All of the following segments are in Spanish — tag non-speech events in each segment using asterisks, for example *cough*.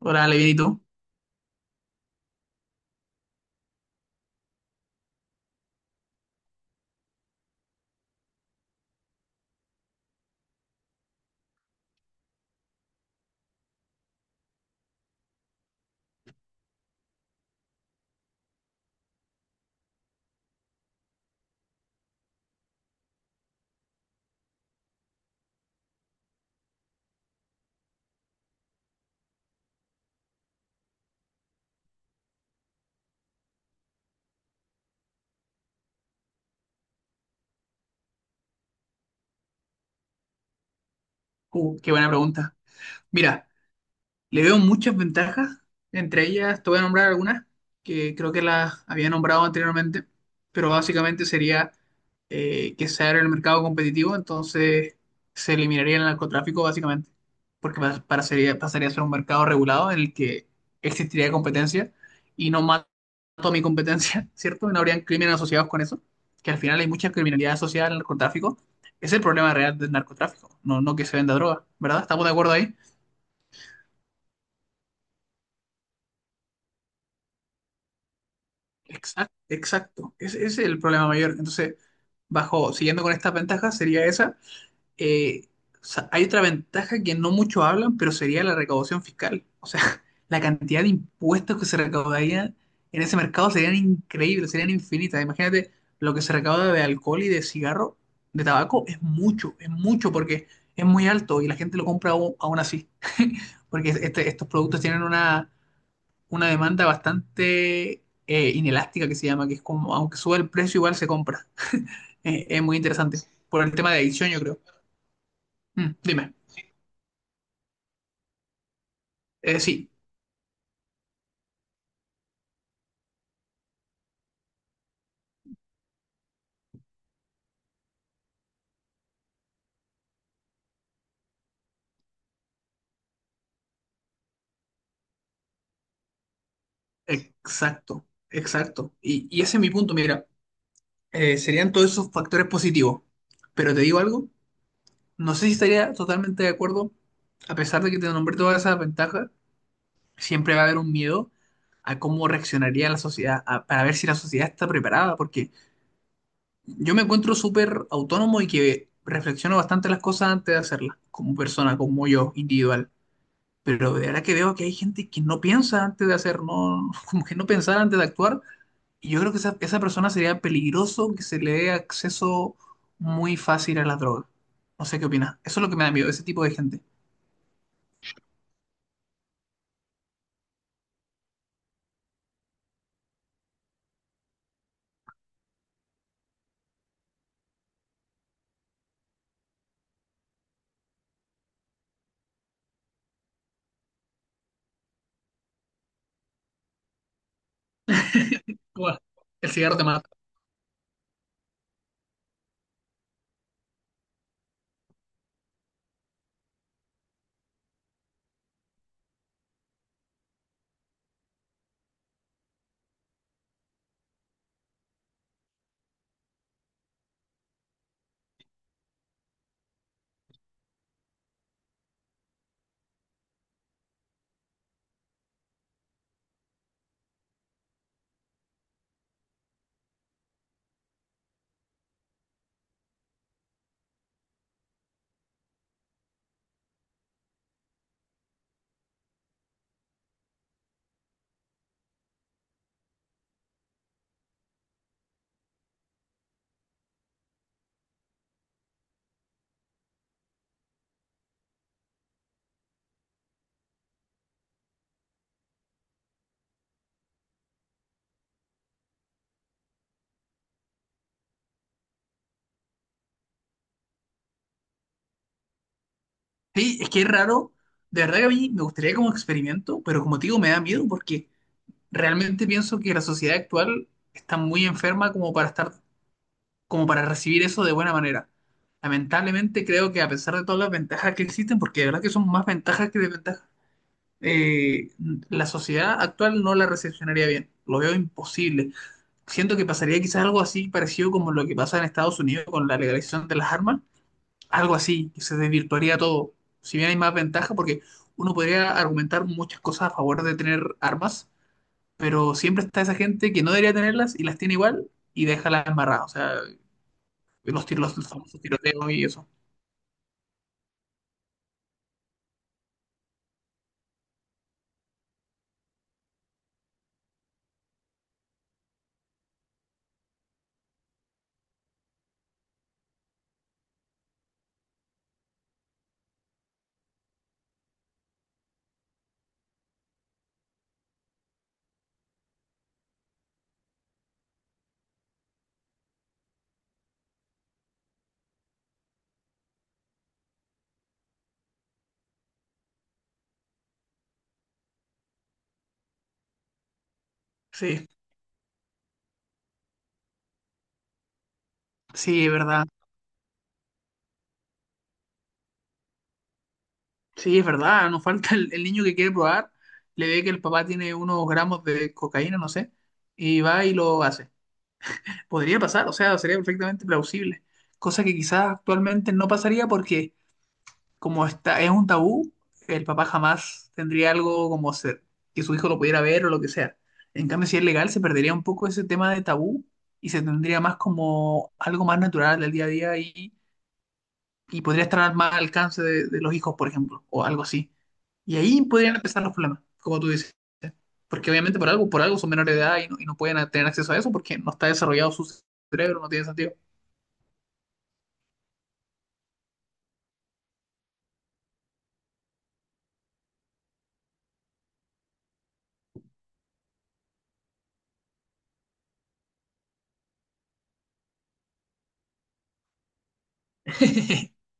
Hola, bien, ¿y tú? Qué buena pregunta. Mira, le veo muchas ventajas, entre ellas te voy a nombrar algunas que creo que las había nombrado anteriormente, pero básicamente sería que se abre el mercado competitivo, entonces se eliminaría el narcotráfico básicamente, porque pasaría a ser un mercado regulado en el que existiría competencia y no mato a mi competencia, *laughs* ¿cierto? Y no habrían crímenes asociados con eso, que al final hay mucha criminalidad asociada al narcotráfico. Es el problema real del narcotráfico, no, no que se venda droga, ¿verdad? ¿Estamos de acuerdo ahí? Exacto, exacto. Ese es el problema mayor. Entonces, bajo, siguiendo con estas ventajas, sería esa. Eh, o sea, hay otra ventaja que no mucho hablan, pero sería la recaudación fiscal. O sea, *laughs* la cantidad de impuestos que se recaudarían en ese mercado serían increíbles, serían infinitas. Imagínate lo que se recauda de alcohol y de cigarro, de tabaco, es mucho porque es muy alto y la gente lo compra aún, aún así. *laughs* Porque estos productos tienen una demanda bastante inelástica que se llama, que es como, aunque sube el precio, igual se compra. *laughs* Es muy interesante. Por el tema de adicción, yo creo. Mm, dime. Sí, exacto, exacto. Y ese es mi punto, mira, serían todos esos factores positivos. Pero te digo algo, no sé si estaría totalmente de acuerdo, a pesar de que te nombré todas esas ventajas, siempre va a haber un miedo a cómo reaccionaría la sociedad, para ver si la sociedad está preparada, porque yo me encuentro súper autónomo y que reflexiono bastante las cosas antes de hacerlas, como persona, como yo, individual. Pero de verdad que veo que hay gente que no piensa antes de hacer, no, *laughs* como que no pensar antes de actuar. Y yo creo que esa persona sería peligroso que se le dé acceso muy fácil a las drogas. No sé qué opinas. Eso es lo que me da miedo, ese tipo de gente. *laughs* Bueno, el cigarro te mata. Sí, es que es raro. De verdad que a mí me gustaría como experimento, pero como te digo, me da miedo porque realmente pienso que la sociedad actual está muy enferma como para estar, como para recibir eso de buena manera. Lamentablemente creo que a pesar de todas las ventajas que existen, porque de verdad que son más ventajas que desventajas, eh, la sociedad actual no la recepcionaría bien. Lo veo imposible. Siento que pasaría quizás algo así parecido como lo que pasa en Estados Unidos con la legalización de las armas. Algo así, que se desvirtuaría todo. Si bien hay más ventaja, porque uno podría argumentar muchas cosas a favor de tener armas, pero siempre está esa gente que no debería tenerlas y las tiene igual y deja las embarradas, o sea, los tiros, los famosos tiroteos y eso. Sí, sí, es verdad. Sí, es verdad, nos falta el niño que quiere probar, le ve que el papá tiene unos gramos de cocaína, no sé, y va y lo hace. Podría pasar, o sea, sería perfectamente plausible, cosa que quizás actualmente no pasaría porque como está, es un tabú, el papá jamás tendría algo como ser, que su hijo lo pudiera ver o lo que sea. En cambio, si es legal, se perdería un poco ese tema de tabú y se tendría más como algo más natural del día a día y podría estar más al alcance de los hijos, por ejemplo, o algo así. Y ahí podrían empezar los problemas, como tú dices. Porque obviamente por algo son menores de edad y no pueden tener acceso a eso porque no está desarrollado su cerebro, no tiene sentido. *laughs*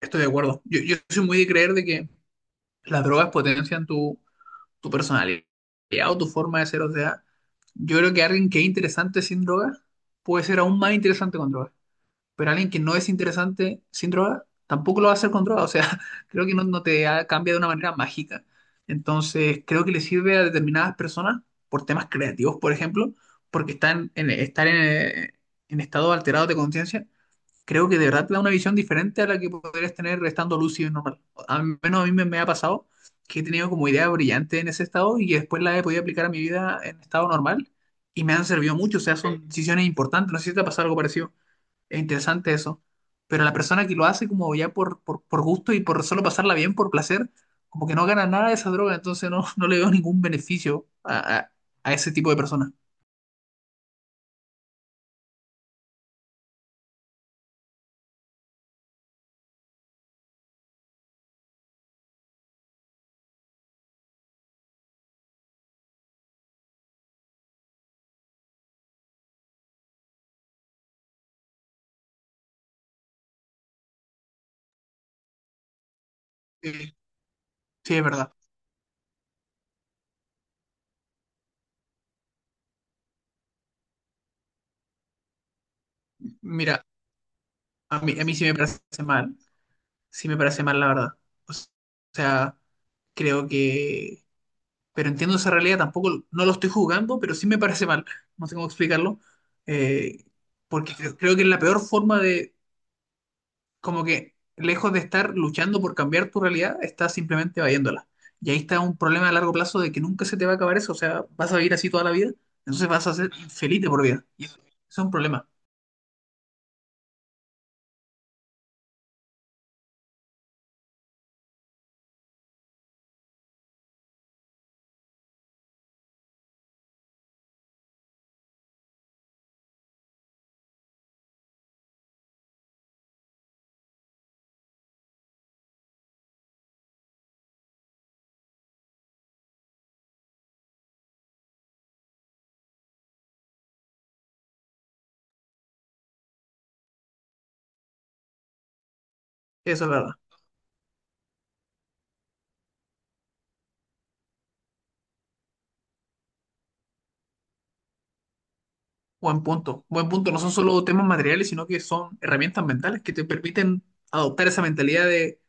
Estoy de acuerdo. Yo soy muy de creer de que las drogas potencian tu, tu personalidad o tu forma de ser. O sea, yo creo que alguien que es interesante sin droga puede ser aún más interesante con droga. Pero alguien que no es interesante sin droga tampoco lo va a hacer con droga. O sea, *laughs* creo que no, cambia de una manera mágica. Entonces, creo que le sirve a determinadas personas por temas creativos, por ejemplo, porque estar en estado alterado de conciencia creo que de verdad te da una visión diferente a la que podrías tener estando lúcido y normal. Al menos a mí me, me ha pasado que he tenido como ideas brillantes en ese estado y que después las he podido aplicar a mi vida en estado normal y me han servido mucho. O sea, son decisiones importantes. No sé si te ha pasado algo parecido. Es interesante eso. Pero la persona que lo hace como ya por gusto y por solo pasarla bien, por placer, como que no gana nada de esa droga, entonces no, no le veo ningún beneficio a ese tipo de personas. Sí, sí, es verdad. Mira, a mí sí me parece mal, sí me parece mal, la verdad. O sea, creo que... Pero entiendo esa realidad, tampoco no lo estoy jugando, pero sí me parece mal. *laughs* No sé cómo explicarlo. eh, Porque creo, creo que es la peor forma de, como que lejos de estar luchando por cambiar tu realidad, estás simplemente evadiéndola. Y ahí está un problema a largo plazo de que nunca se te va a acabar eso. O sea, vas a vivir así toda la vida, entonces vas a ser infeliz de por vida. Y eso es un problema. Eso es verdad. Buen punto, buen punto. No son solo temas materiales, sino que son herramientas mentales que te permiten adoptar esa mentalidad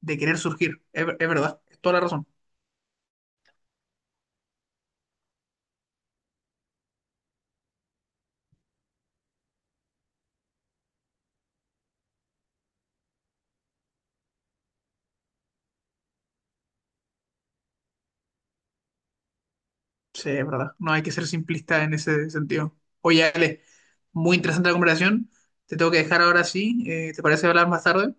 de querer surgir. Es, es verdad, es toda la razón. Sí, es verdad. No hay que ser simplista en ese sentido. Oye, Ale, muy interesante la conversación. Te tengo que dejar ahora sí. ¿Te parece hablar más tarde?